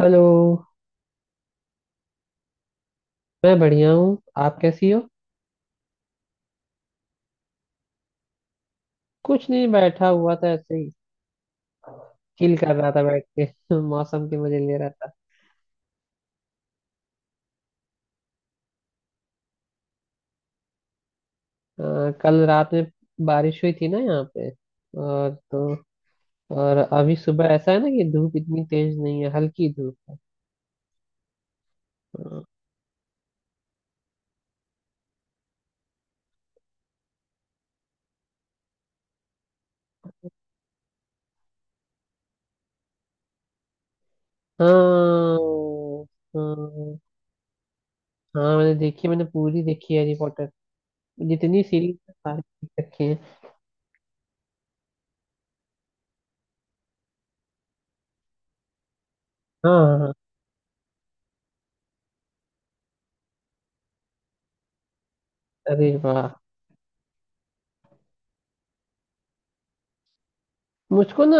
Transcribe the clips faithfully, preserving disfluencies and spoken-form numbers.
Hello. मैं बढ़िया हूँ। आप कैसी हो? कुछ नहीं, बैठा हुआ था ऐसे ही, चिल कर रहा था बैठ के मौसम के मजे ले रहा था। अ, कल रात में बारिश हुई थी ना यहाँ पे, और तो और अभी सुबह ऐसा है ना कि धूप इतनी तेज नहीं है, हल्की धूप है। अ, हाँ हाँ हाँ मैंने देखी, मैंने पूरी देखी है हैरी पॉटर, जितनी सीरीज सारी देख रखी है। हाँ हाँ हाँ। अरे वाह! मुझको ना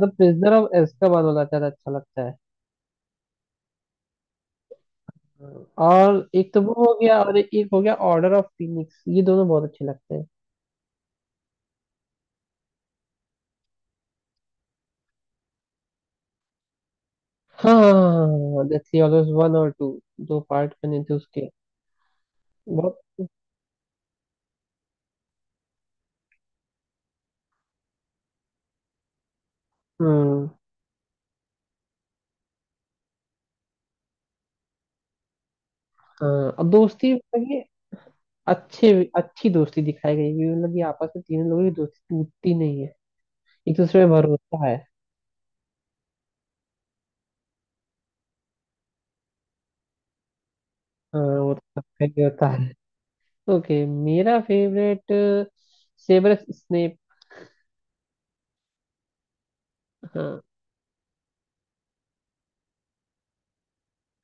द प्रिजनर ऑफ एazkaबान वाला ज्यादा अच्छा लगता है, और एक तो वो हो गया और एक हो गया ऑर्डर ऑफ फिनिक्स, ये दोनों बहुत अच्छे लगते हैं। हाँ दैट्स ऑलवेज वन और टू, दो पार्ट बने थे उसके। बहुत। हम्म। हाँ अब दोस्ती मतलब कि अच्छे, अच्छी दोस्ती दिखाई गई है, मतलब कि आपस में तीनों लोगों की दोस्ती टूटती नहीं है, एक दूसरे में भरोसा है। हाँ वो तो सबका ही होता है। ओके, मेरा फेवरेट सेवरस स्नेप। हाँ।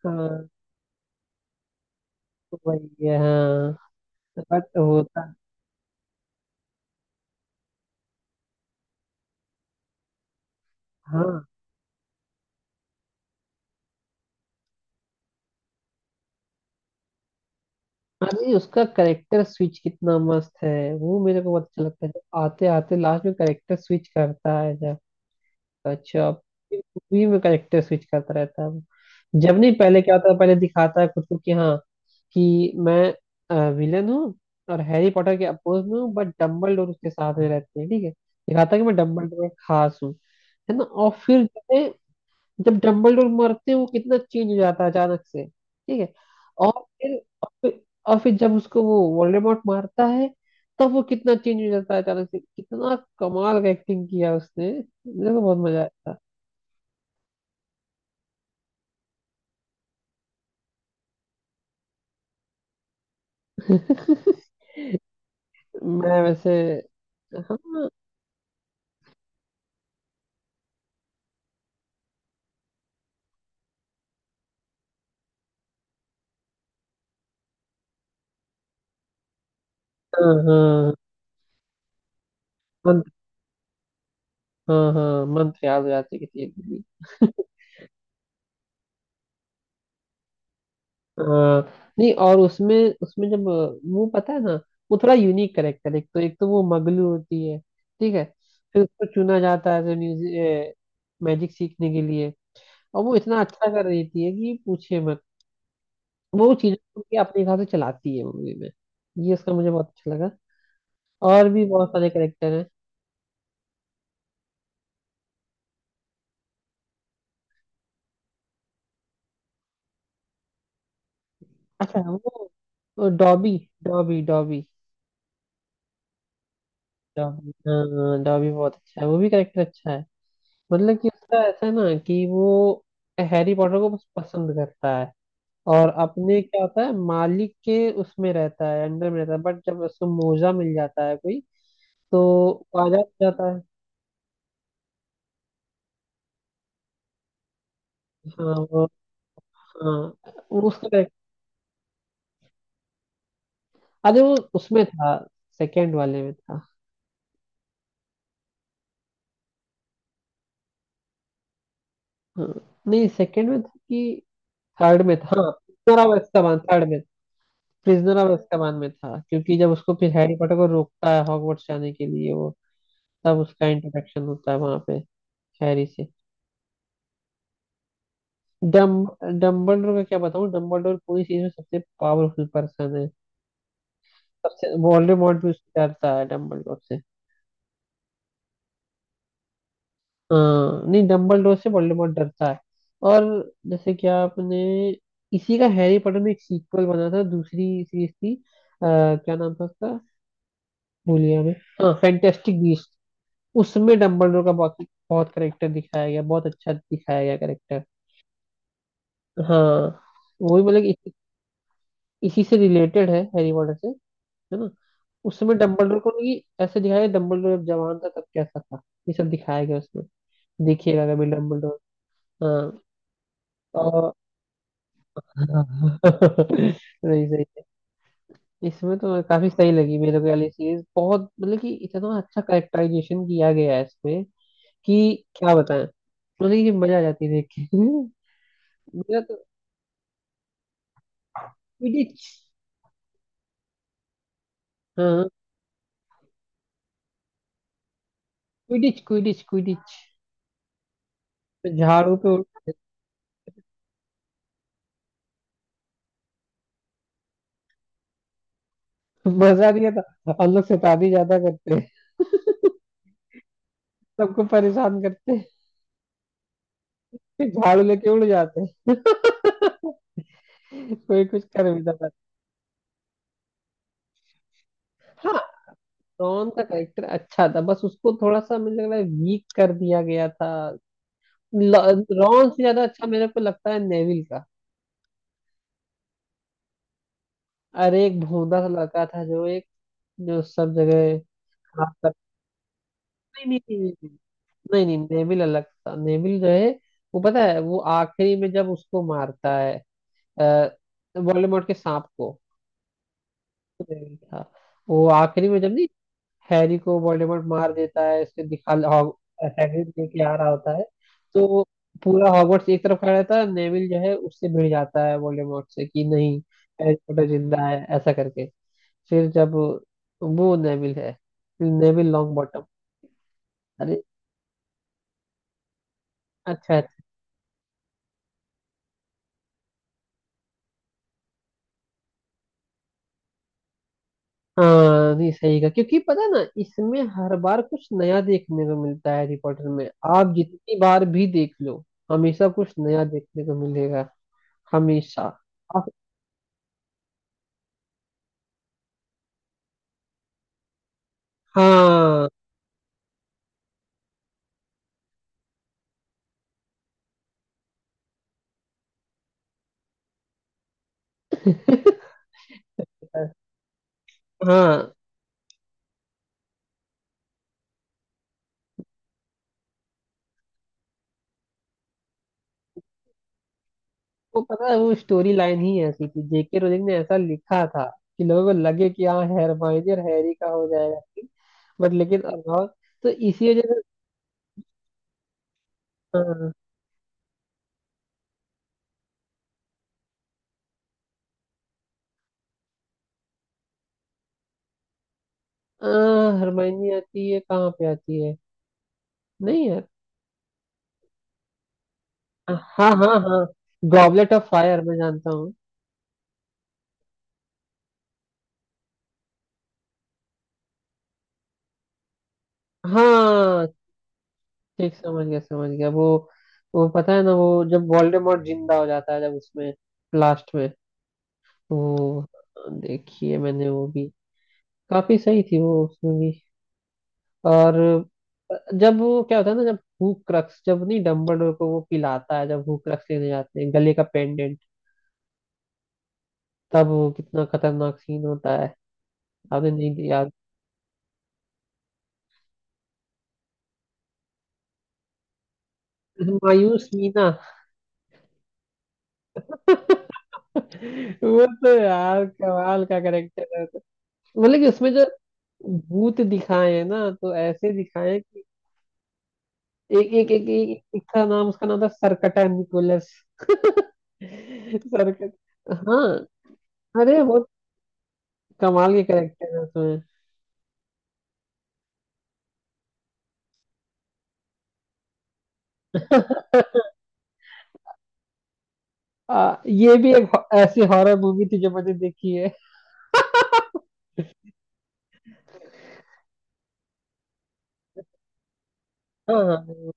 हाँ तो वही है हाँ। बट होता। हाँ, अरे उसका करेक्टर स्विच कितना मस्त है, वो मेरे को बहुत अच्छा लगता है जब आते आते लास्ट में करेक्टर स्विच करता है जब अच्छा मूवी में करेक्टर स्विच करता रहता है वो। जब नहीं, पहले क्या होता है, पहले दिखाता है खुद को कि हाँ कि मैं विलन हूँ और हैरी पॉटर के अपोज में हूँ, बट डम्बल डोर उसके साथ में रहते हैं, ठीक है, दिखाता है कि मैं डम्बल डोर खास हूँ, है ना? और फिर जो है जब डम्बलडोर मरते हैं वो कितना चेंज हो जाता है अचानक से, ठीक है। और फिर और फिर और फिर जब उसको वो वोल्डेमॉर्ट मारता है तब वो कितना चेंज हो जाता है अचानक से, कितना कमाल का एक्टिंग किया उसने, मुझे तो बहुत मजा आया था। मैं वैसे हाँ हाँ हाँ मंत्र, हाँ हाँ, मंत्र याद हो जाती है किसी एक भी। हाँ नहीं, और उसमें उसमें जब अ, वो पता है ना वो थोड़ा यूनिक करेक्टर, एक तो एक तो वो मगलू होती है, ठीक है, फिर उसको चुना जाता है जो म्यूजिक मैजिक सीखने के लिए, और वो इतना अच्छा कर देती है कि पूछे मत, वो चीजों को अपने हिसाब से चलाती है मूवी में, ये उसका मुझे बहुत अच्छा लगा। और भी बहुत सारे करेक्टर हैं। अच्छा वो वो डॉबी डॉबी डॉबी डॉबी हाँ हाँ, डॉबी बहुत अच्छा है, वो भी करेक्टर अच्छा है, मतलब कि उसका ऐसा है ना कि वो हैरी पॉटर को बस पसंद करता है, और अपने क्या होता है मालिक के उसमें रहता है, अंडर में रहता है, बट जब उसको मोजा मिल जाता है कोई तो वो आजाद हो जाता है। हाँ वो हाँ, वो उसका correct- अरे वो उसमें था, सेकंड वाले में था। हाँ नहीं, सेकंड में था कि थर्ड में था, हाँ प्रिजनर ऑफ एazkaban, थर्ड में। प्रिजनर ऑफ एazkaban में था, क्योंकि जब उसको फिर हैरी पॉटर को रोकता है हॉगवर्ट्स जाने के लिए वो, तब उसका इंटरेक्शन होता है वहां पे हैरी से। डम डम्बलडोर का क्या बताऊं, डम्बलडोर पूरी चीज में सबसे पावरफुल पर्सन है, सबसे वोल्डेमॉर्ट भी उससे डरता है, डम्बलडोर से। हाँ नहीं, डम्बलडोर से वोल्डेमॉर्ट डरता है, और जैसे कि आपने इसी का हैरी पॉटर में एक सीक्वल बना था, दूसरी सीरीज थी, आ, क्या नाम था उसका, भूल गया मैं, हाँ फैंटेस्टिक बीस्ट, उसमें डम्बलडोर का बहुत बहुत करेक्टर दिखाया गया, बहुत अच्छा दिखाया गया करेक्टर। हाँ वो भी मतलब इसी, इसी से रिलेटेड है हैरी पॉटर से, है ना? उस समय डम्बलडोर को नहीं, ऐसे दिखाया डम्बलडोर जब जवान था तब कैसा था, ये सब दिखाया गया उसमें, देखिएगा कभी डम्बलडोर। हाँ और सही, सही है। इसमें तो काफी सही लगी मेरे को वाली सीरीज, बहुत मतलब कि इतना अच्छा कैरेक्टराइजेशन किया गया है इसमें कि क्या बताएं, मतलब कि मजा आ जाती है देख के। मेरा तो क्विडिच, हाँ क्विडिच क्विडिच क्विडिच झाड़ू पे उठ- मजा नहीं आता, हम लोग शैतानी ज्यादा करते हैं, सबको परेशान करते, फिर झाड़ू लेके उड़ जाते हैं। कोई कुछ कर भी जाता है। हाँ, रॉन का कैरेक्टर अच्छा था, बस उसको थोड़ा सा मुझे लग रहा है वीक कर दिया गया था, ल- रॉन से ज्यादा अच्छा मेरे को लगता है नेविल का। अरे एक भोंदा सा लड़का था जो एक, जो सब जगह खराब कर नहीं नहीं नहीं नहीं नहीं, नहीं, नहीं, नेविल अलग था, नेविल जो है वो पता है वो आखिरी में जब उसको मारता है, वोल्डेमॉर्ट के सांप को, नेविल था, वो आखिरी में जब नहीं हैरी को वोल्डेमॉर्ट मार देता है उसके दिखा हॉग- हैग्रिड लेके आ रहा होता है, तो पूरा हॉगवर्ट्स एक तरफ खड़ा रहता है, नेविल जो है उससे भिड़ जाता है वोल्डेमॉर्ट से कि नहीं हैरी पॉटर जिंदा है ऐसा करके, फिर जब वो नेविल है, नेविल लॉन्ग बॉटम। अरे अच्छा अच्छा। हाँ नहीं सही का, क्योंकि पता है ना इसमें हर बार कुछ नया देखने को मिलता है हैरी पॉटर में, आप जितनी बार भी देख लो, हमेशा कुछ नया देखने को मिलेगा, हमेशा। आप- हाँ। हाँ वो पता है वो स्टोरी लाइन ही ऐसी थी, जेके रोलिंग ने ऐसा लिखा था कि लोगों को लगे कि हाँ हरमाइनी और हैरी का हो जाएगा, बट लेकिन अभाव, तो इसी वजह से हाँ हाँ, हरमाइनी आती है, कहाँ पे आती है, नहीं यार, हाँ हाँ हाँ गॉबलेट ऑफ फायर, मैं जानता हूँ। हाँ ठीक, समझ गया, समझ गया, वो वो पता है ना वो जब वोल्डेमॉर्ट जिंदा हो जाता है जब उसमें लास्ट में, वो देखिए मैंने वो भी, काफी सही थी वो उसमें भी, और जब वो क्या होता है ना जब हूक क्रक्स, जब नहीं डम्बलडोर को वो पिलाता है जब हूक क्रक्स लेने जाते हैं, गले का पेंडेंट, तब वो कितना खतरनाक सीन होता है, आपने नहीं दिया याद? मायूस मीना। वो तो यार कमाल का करेक्टर है, मतलब कि उसमें जो भूत दिखाए हैं ना तो ऐसे दिखाए हैं कि एक एक एक एक, एक था नाम, उसका नाम था सरकटा निकोलस। सरकट, हाँ। अरे बहुत कमाल के करेक्टर है उसमें। आ, ये भी एक हो- ऐसी हॉरर मूवी थी जो मैंने देखी है। हाँ हाँ,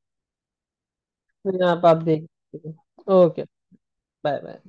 यहाँ आप आप देख सकते हो, ओके, बाय बाय।